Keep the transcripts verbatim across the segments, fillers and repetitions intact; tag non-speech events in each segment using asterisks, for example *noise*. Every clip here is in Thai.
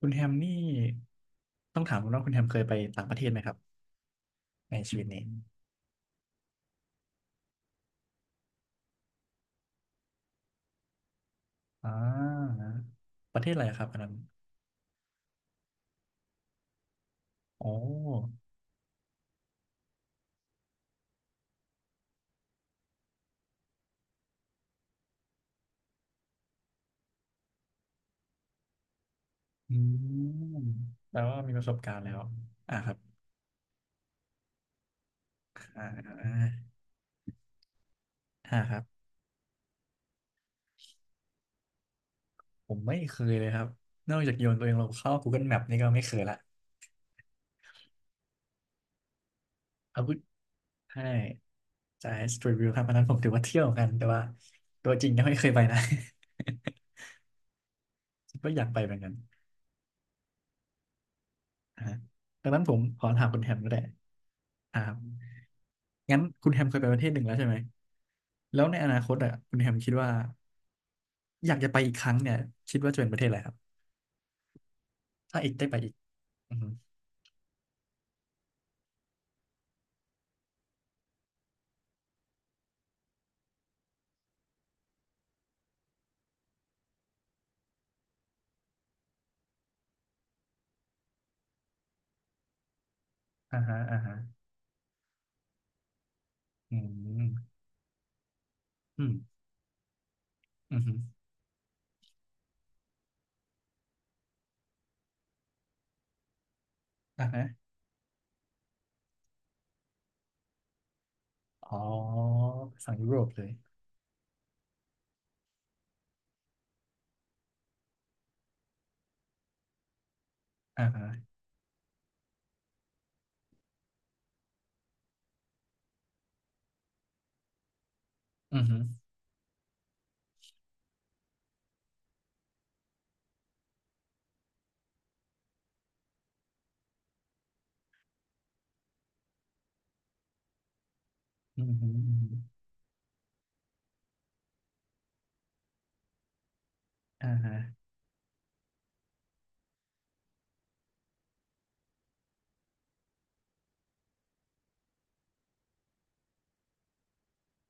คุณแฮมนี่ต้องถามคุณว่าคุณแฮมเคยไปต่างประเทศไหมครับในชีวิตนี้อ่าประเทศอะไรครับอันนั้นโอ้อืมแปลว่ามีประสบการณ์แล้วอ่าครับอ่าอ่าครับผมไม่เคยเลยครับนอกจากโยนตัวเองลงเข้า Google Map นี่ก็ไม่เคยละเอาพูดใช่จ่าย Street View ครับอันนั้นผมถือว่าเที่ยวกันแต่ว่าตัวจริงยังไม่เคยไปนะ *laughs* ก็อยากไปเหมือนกันอ่าดังนั้นผมขอถามคุณแฮมก็ได้ครับ งั้นคุณแฮมเคยไปประเทศหนึ่งแล้วใช่ไหมแล้วในอนาคตอ่ะคุณแฮมคิดว่าอยากจะไปอีกครั้งเนี่ยคิดว่าจะเป็นประเทศอะไรครับถ้าอีกได้ไปอีกอือฮึอ่าฮะอ่าฮะอืมอืมอือฮึอ่าฮะอ๋อฝั่งยุโรปเลยอ่าฮะอือฮึอือฮึอือฮึอ่าฮะ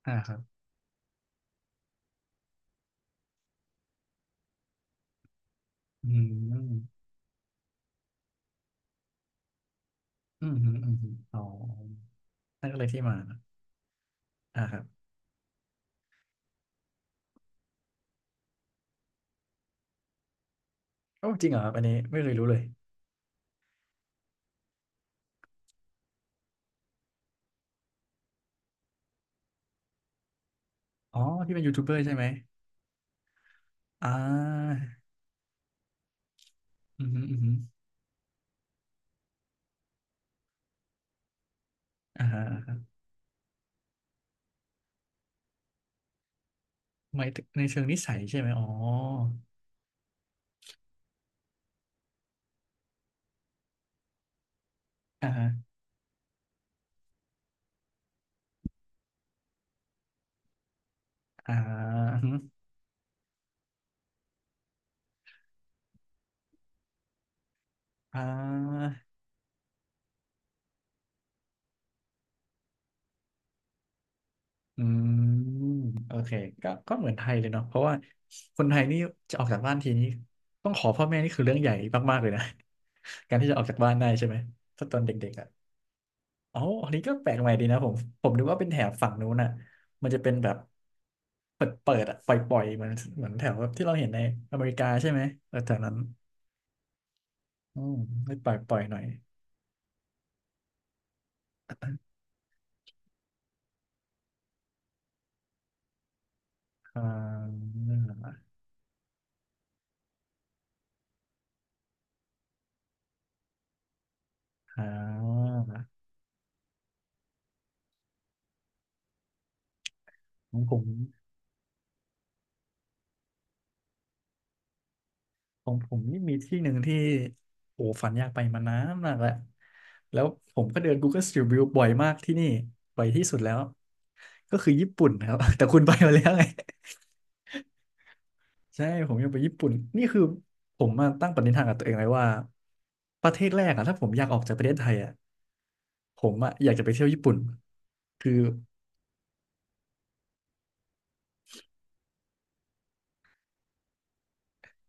อ่าครับอืมอืมอฮึอืมอ๋อนั่นก็เลยที่มาอ่าครับโอ้จริงเหรอครับอันนี้ไม่เคยรู้เลยอ๋อที่เป็นยูทูบเบอร์ใช่ไหมอ่าอืมอฮึอืมอฮึอ่าฮะ หมายถึงในเชิงนิสัยใช่ไหมอ๋ออ่าฮะอ่าฮึอ่าอืมโอเคก็ก็เหมือนไทยเลยเนาะเพราะว่าคนไทยนี่จะออกจากบ้านทีนี้ต้องขอพ่อแม่นี่คือเรื่องใหญ่มากๆเลยนะ *laughs* การที่จะออกจากบ้านได้ใช่ไหมถ้าตอนเด็กๆอ่ะอ๋ออันนี้ก็แปลกใหม่ดีนะผมผมนึกว่าเป็นแถบฝั่งนู้นอ่ะมันจะเป็นแบบเปิดเปิดอ่ะปล่อยๆเหมือนเหมือนแถวแบบที่เราเห็นในอเมริกาใช่ไหมเออแถวนั้นอืมไม่ปล่อยปล่อยหน่อยอ่า อ่าของผมของผมนี่มีที่หนึ่งที่โอ้ฝันอยากไปมานานมากแล้วแล้วผมก็เดิน Google Street View บ่อยมากที่นี่บ่อยที่สุดแล้วก็คือญี่ปุ่นนะครับ *laughs* แต่คุณไปมาแล้วไง *laughs* ใช่ผมอยังไปญี่ปุ่นนี่คือผมมาตั้งปณิธานกับตัวเองไว้ว่าประเทศแรกอะถ้าผมอยากออกจากประเทศไทยอะผมอะอยากจะไปเที่ยวญี่ปุ่นคือ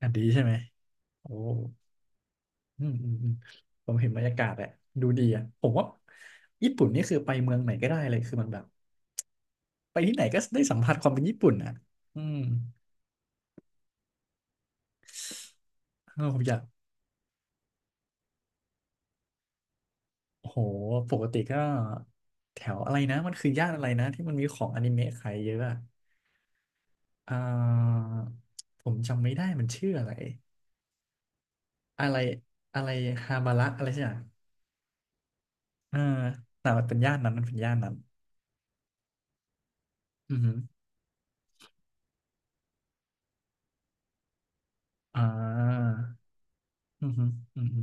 อันดีใช่ไหมโอ้อืมอืมอืมผมเห็นบรรยากาศแหละดูดีอ่ะผมว่าญี่ปุ่นนี่คือไปเมืองไหนก็ได้เลยคือมันแบบ ไปที่ไหนก็ได้สัมผัสความเป็นญี่ปุ่นอ่ะอืมเออผมอยากโอ้โหปกติก็แถวอะไรนะมันคือย่านอะไรนะที่มันมีของอนิเมะขายเยอะอะอ่าผมจำไม่ได้มันชื่ออะไรอะไรอะไรฮาบาระอะไรใช่ไหมอ่าแต่มันเป็นย่านนั้นมันเป็นย่านนั้นอือฮึอ่าอือฮึอือฮึ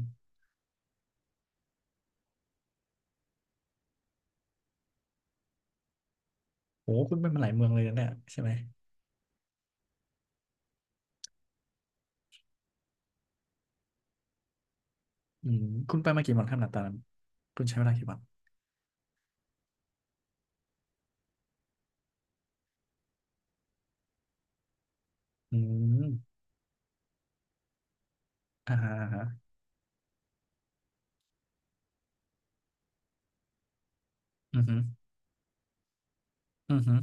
โหคุณไปมาหลายเมืองเลยนะเนี่ยใช่ไหมอืมคุณไปมากี่วันครับหนาตอนนั้นคุณใช้เวลากี่วันอืมอ่าฮะอ่าฮะอือฮึอือฮึ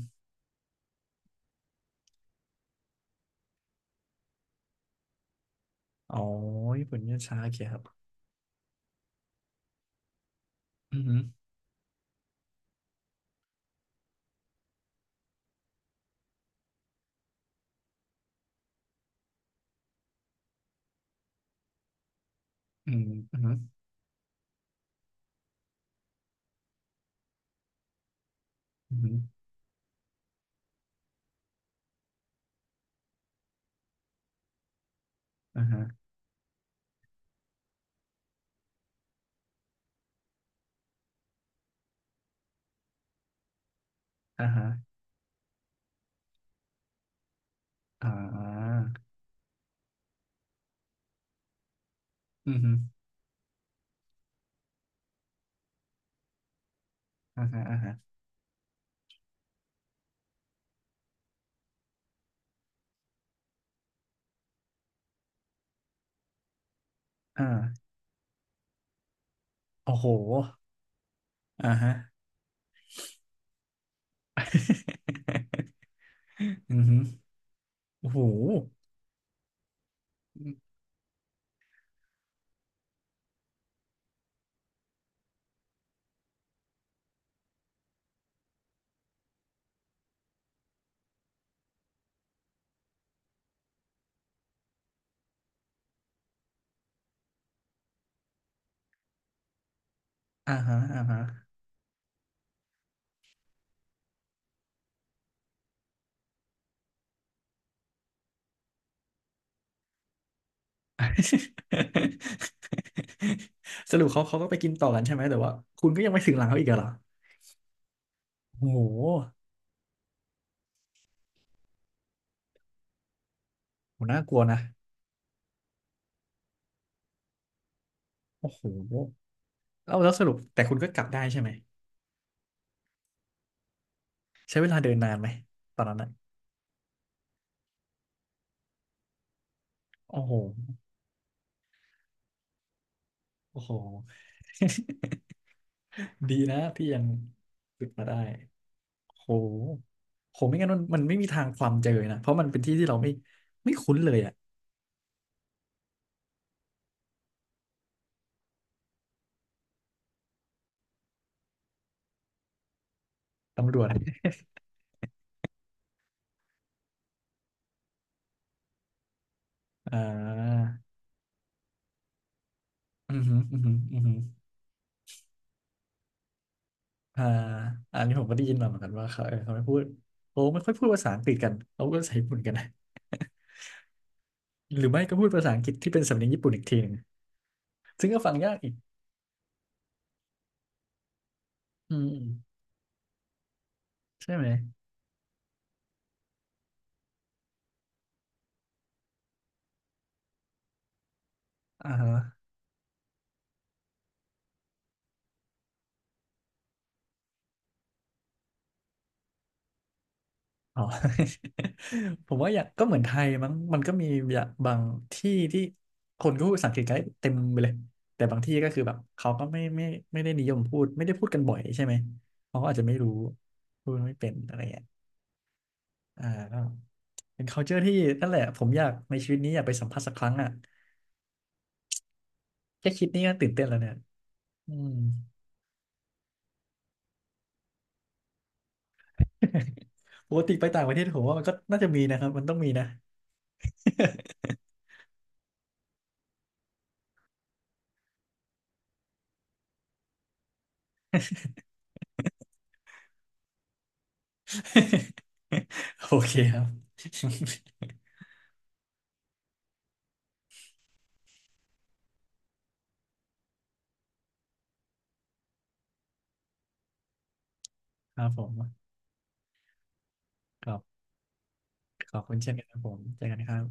อ๋อญี่ปุ่นเนี่ยช้าโอเคครับอือหืออืมอือหืออือหืออ่าฮะอ่าฮะอ่าอือหืออ่าฮะอ่าฮะอ่าโอ้โหอ่าฮะ *laughs* อือหือโอ้โหอ่าฮะอ่าฮะ *laughs* สรุปเขาเขาก็ไปกินต่อกันใช่ไหมแต่ว่าคุณก็ยังไม่ถึงหลังเขาอีกเหรอโอ้โหโหน่ากลัวนะโอ้โหแล้วแล้วสรุปแต่คุณก็กลับได้ใช่ไหม ใช้เวลาเดินนานไหมตอนนั้นอ่ะโอ้โห โอ้โห *laughs* ดีนะที่ยังฝึกมาได้โหโหไม่งั้นมันมันไม่มีทางความเจอนะเพราะมันเป็นที่ที่เราไม่ไม่คุ้นเลยอะตำรวจอ่าอือหืออือหืออือหืออ่าอันนี้ผมก็ได้ยินมาเหมือนกันว่าเขาเออเขาไม่พูดโอ้ไม่ค่อยพูดภาษาอังกฤษกันเขาก็ใช้ญี่ปุ่นกันนะหรือไม่ก็พูดภาษาอังกฤษที่เป็นสำเนียงญี่ปุ่นอีกทีหนึ่งซึ่งก็ฟังยากอีกอืมใช่ไหมอ่าฮะ อ๋อ *laughs* ผมว่าอย่างก็เหมือนไทยมั้งมันก็มีอย่างบางที่ที่คนก็พูดภาษาอังกฤษกันได้เต็มไปเลยแต่บางที่ก็คือแบบเขาก็ไม่ไม่ไม่ได้นิยมพูดไม่ได้พูดกันบ่อยใช่ไหมเขาก็อาจจะไม่รู้พูดไม่เป็นอะไรอย่างเงี้ยอ่าก็เป็น culture ที่นั่นแหละผมอยากในชีวิตนี้อยากไปสัมผัสสักครั้งอ่ะแค่คิดนี่ก็ตื่นเต้นแล้วเนี่ยอืม *laughs* ปกติไปต่างประเทศผมว่ามันก็น่าจะมีนะครับมันต้องมีนะ *laughs* โอเคครับ ครับผมขอบขอบคุณเช่นกันครับผมเจอกันครับ